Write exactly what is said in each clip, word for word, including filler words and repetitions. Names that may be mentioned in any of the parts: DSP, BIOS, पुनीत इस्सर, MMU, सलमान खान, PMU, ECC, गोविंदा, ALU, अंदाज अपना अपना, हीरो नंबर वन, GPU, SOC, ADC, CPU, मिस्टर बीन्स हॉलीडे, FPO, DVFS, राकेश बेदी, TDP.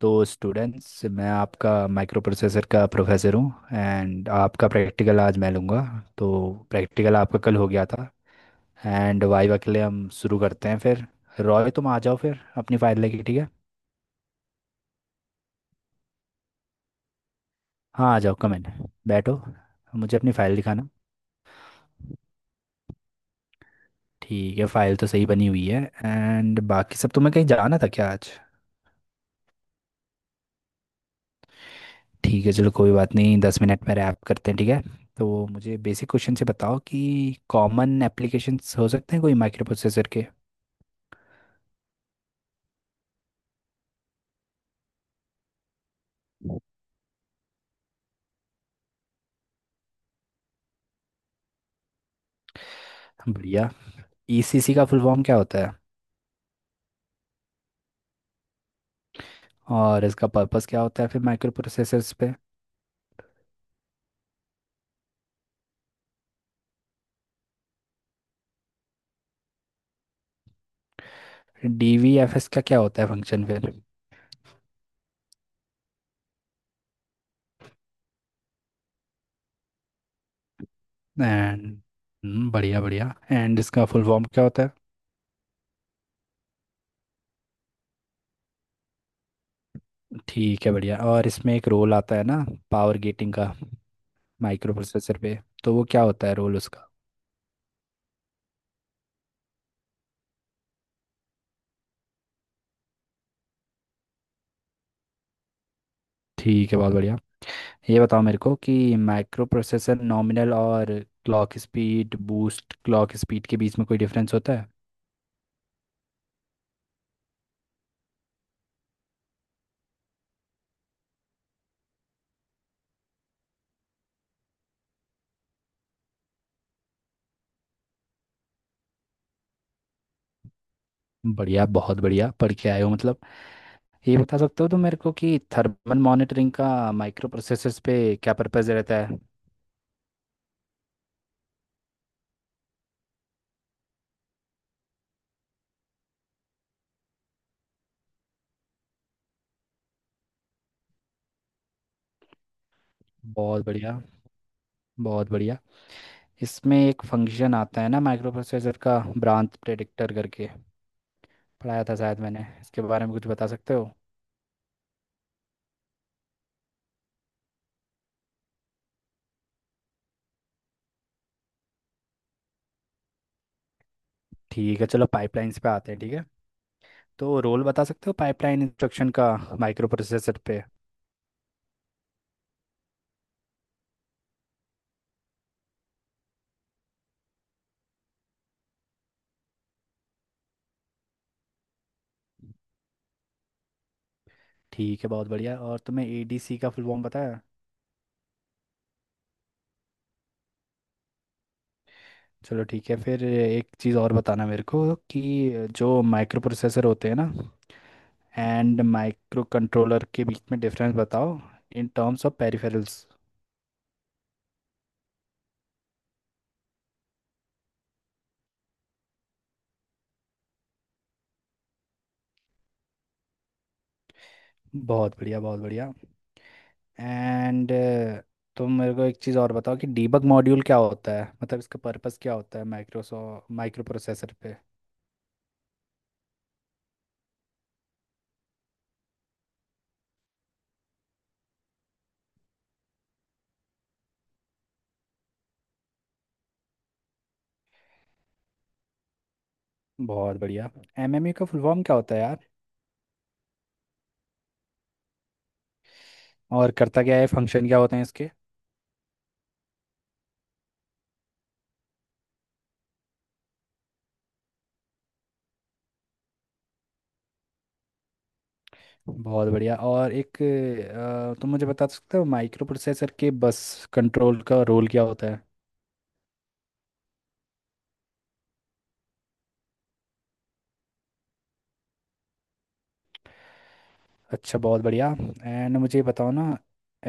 तो स्टूडेंट्स, मैं आपका माइक्रो प्रोसेसर का प्रोफेसर हूँ एंड आपका प्रैक्टिकल आज मैं लूँगा। तो प्रैक्टिकल आपका कल हो गया था एंड वाइवा के लिए हम शुरू करते हैं फिर। रॉय, तुम आ जाओ फिर अपनी फ़ाइल लेके, ठीक है। हाँ, आ जाओ, कम इन। बैठो। मुझे अपनी फ़ाइल दिखाना। ठीक है, फ़ाइल तो सही बनी हुई है एंड बाकी सब। तुम्हें कहीं जाना था क्या आज? ठीक है, चलो कोई बात नहीं, दस मिनट में रैप करते हैं, ठीक है। तो मुझे बेसिक क्वेश्चन से बताओ कि कॉमन एप्लीकेशंस हो सकते हैं कोई माइक्रो प्रोसेसर के। बढ़िया। ई सी सी का फुल फॉर्म क्या होता है? और इसका पर्पस क्या होता है फिर माइक्रो प्रोसेसर्स पे? डी वी एफ एस का क्या होता है फंक्शन फिर? एंड बढ़िया बढ़िया, एंड इसका फुल फॉर्म क्या होता है? ठीक है, बढ़िया, और इसमें एक रोल आता है ना पावर गेटिंग का, माइक्रो प्रोसेसर पे। तो वो क्या होता है रोल उसका? ठीक है, बहुत बढ़िया। ये बताओ मेरे को कि माइक्रो प्रोसेसर नॉमिनल और clock speed, boost clock speed के बीच में कोई डिफरेंस होता है? बढ़िया, बहुत बढ़िया, पढ़ के आए हो मतलब। ये बता सकते हो तुम मेरे को कि थर्मल मॉनिटरिंग का माइक्रो प्रोसेसर्स पे क्या पर्पस रहता है? बहुत बढ़िया, बहुत बढ़िया। इसमें एक फंक्शन आता है ना माइक्रो प्रोसेसर का, ब्रांच प्रेडिक्टर करके। पढ़ाया था शायद मैंने इसके बारे में, कुछ बता सकते हो? ठीक है, चलो पाइपलाइंस पे आते हैं, ठीक है। तो रोल बता सकते हो पाइपलाइन इंस्ट्रक्शन का, माइक्रो प्रोसेसर पे? ठीक है, बहुत बढ़िया। और तुम्हें ए डी सी का फुल फॉर्म पता है? चलो ठीक है, फिर एक चीज़ और बताना मेरे को, कि जो माइक्रो प्रोसेसर होते हैं ना एंड माइक्रो कंट्रोलर, के बीच में डिफरेंस बताओ इन टर्म्स ऑफ पेरिफेरल्स। बहुत बढ़िया, बहुत बढ़िया। एंड तुम मेरे को एक चीज़ और बताओ कि डीबग मॉड्यूल क्या होता है, मतलब इसका पर्पस क्या होता है माइक्रोसो माइक्रो प्रोसेसर पे? बहुत बढ़िया। एम एम यू का फुल फॉर्म क्या होता है यार? और करता क्या है, फंक्शन क्या होते हैं इसके? बहुत बढ़िया। और एक, अ, तुम मुझे बता सकते हो माइक्रो प्रोसेसर के बस कंट्रोल का रोल क्या होता है? अच्छा, बहुत बढ़िया। एंड मुझे बताओ ना,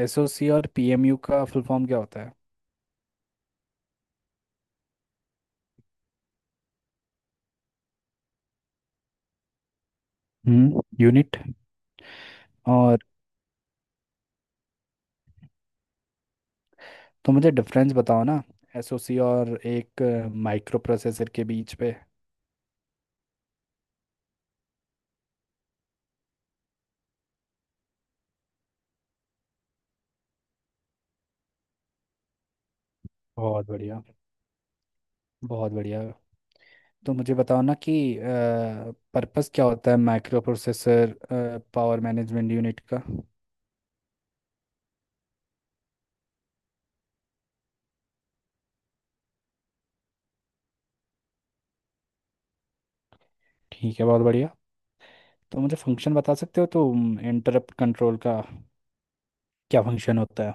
एस ओ सी और पी एम यू का फुल फॉर्म क्या होता है? हम्म, यूनिट। और तुम मुझे डिफरेंस बताओ ना, एस ओ सी और एक माइक्रो प्रोसेसर के बीच पे। बहुत बढ़िया, बहुत बढ़िया। तो मुझे बताओ ना कि पर्पस क्या होता है microprocessor power management unit का? ठीक है, बहुत बढ़िया। तो मुझे फंक्शन बता सकते हो तो इंटरप्ट कंट्रोल का, क्या फंक्शन होता है?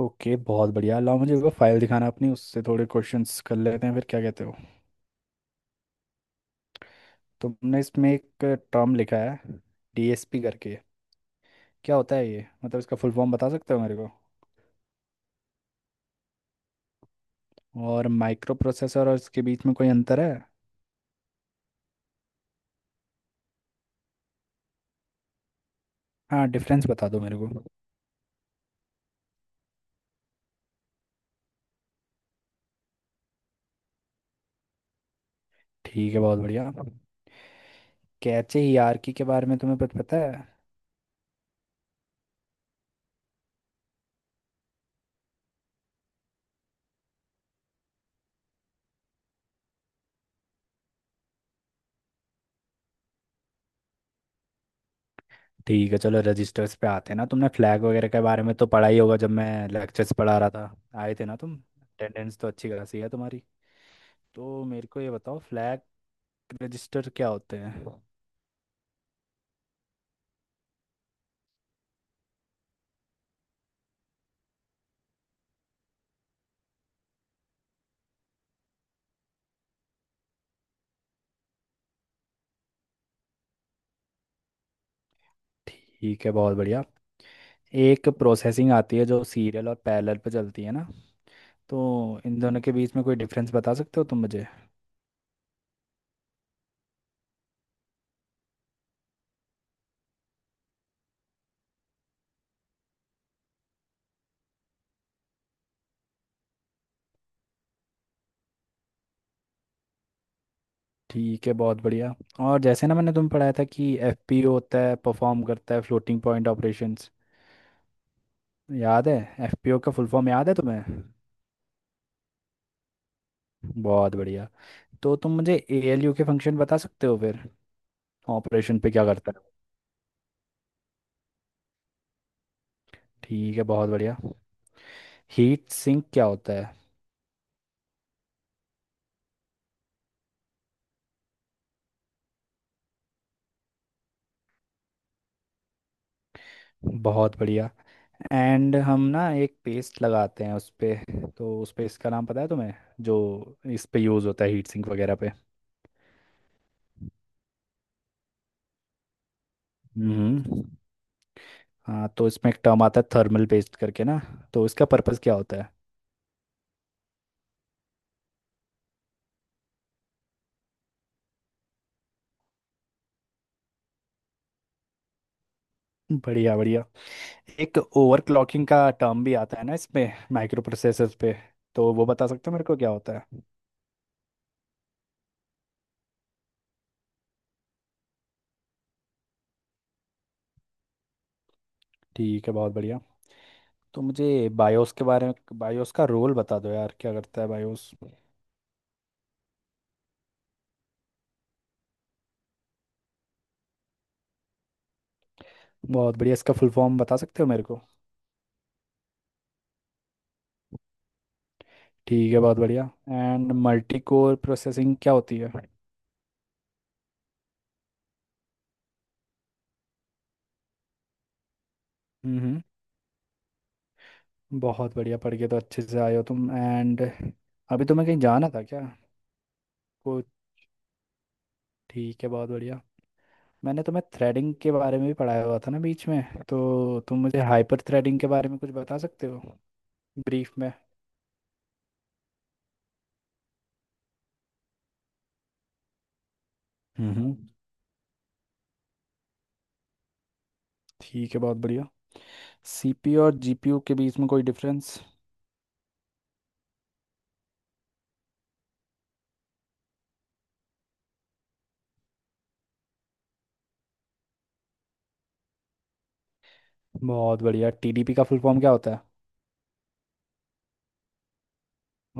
ओके, बहुत बढ़िया। लाओ मुझे वो फाइल दिखाना अपनी, उससे थोड़े क्वेश्चंस कर लेते हैं फिर, क्या कहते हो? तुमने इसमें एक टर्म लिखा है, डी एस पी करके। क्या होता है ये, मतलब इसका फुल फॉर्म बता सकते हो मेरे को? और माइक्रो प्रोसेसर और इसके बीच में कोई अंतर है? हाँ, डिफरेंस बता दो मेरे को। ठीक है, बहुत बढ़िया। कैचे हीआरकी के बारे में तुम्हें कुछ पता है? ठीक है, चलो रजिस्टर्स पे आते हैं ना, तुमने फ्लैग वगैरह के बारे में तो पढ़ा ही होगा, जब मैं लेक्चर्स पढ़ा रहा था। आए थे ना तुम? अटेंडेंस तो अच्छी खासी है तुम्हारी। तो मेरे को ये बताओ, फ्लैग रजिस्टर क्या होते हैं? ठीक है, बहुत बढ़िया। एक प्रोसेसिंग आती है जो सीरियल और पैरेलल पे चलती है ना, तो इन दोनों के बीच में कोई डिफरेंस बता सकते हो तुम मुझे? ठीक है, बहुत बढ़िया। और जैसे ना मैंने तुम्हें पढ़ाया था कि एफ पी ओ होता है, परफॉर्म करता है फ्लोटिंग पॉइंट ऑपरेशंस, याद है? एफ पी ओ का फुल फॉर्म याद है तुम्हें? बहुत बढ़िया। तो तुम मुझे ए एल यू के फंक्शन बता सकते हो फिर, ऑपरेशन पे क्या करता है? ठीक है, बहुत बढ़िया। हीट सिंक क्या होता है? बहुत बढ़िया। एंड हम ना एक पेस्ट लगाते हैं उस पे, तो उस पेस्ट का नाम पता है तुम्हें, जो इस पे यूज़ होता है हीट सिंक वगैरह पे? हम्म। हाँ, तो इसमें एक टर्म आता है थर्मल पेस्ट करके ना, तो इसका पर्पस क्या होता है? बढ़िया, बढ़िया। एक ओवरक्लॉकिंग का टर्म भी आता है ना इसमें माइक्रो प्रोसेसर पे, तो वो बता सकते हो मेरे को क्या होता है? ठीक है, बहुत बढ़िया। तो मुझे बायोस के बारे में, बायोस का रोल बता दो यार, क्या करता है बायोस? बहुत बढ़िया। इसका फुल फॉर्म बता सकते हो मेरे को? ठीक है, बहुत बढ़िया। एंड मल्टी कोर प्रोसेसिंग क्या होती है? हम्म, बहुत बढ़िया, पढ़ के तो अच्छे से आए हो तुम। एंड अभी तुम्हें कहीं जाना था क्या? को ठीक है, बहुत बढ़िया। मैंने तुम्हें थ्रेडिंग के बारे में भी पढ़ाया हुआ था ना बीच में, तो तुम मुझे हाइपर थ्रेडिंग के बारे में कुछ बता सकते हो, ब्रीफ में? हम्म। ठीक है, बहुत बढ़िया। सी पी यू और जी पी यू के बीच में कोई डिफरेंस? बहुत बढ़िया। टी डी पी का फुल फॉर्म क्या होता है?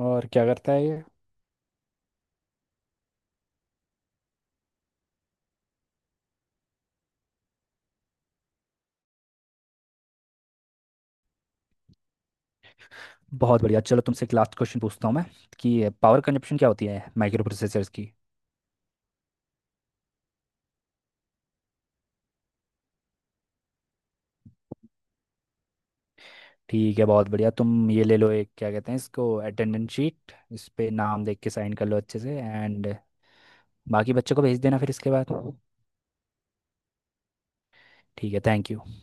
और क्या करता है ये? बहुत बढ़िया, चलो तुमसे एक लास्ट क्वेश्चन पूछता हूँ मैं, कि पावर कंजप्शन क्या होती है माइक्रो प्रोसेसर्स की? ठीक है, बहुत बढ़िया। तुम ये ले लो, एक क्या कहते हैं इसको, अटेंडेंस शीट, इस पे नाम देख के साइन कर लो अच्छे से, एंड बाकी बच्चों को भेज देना फिर इसके बाद। ठीक है, थैंक यू।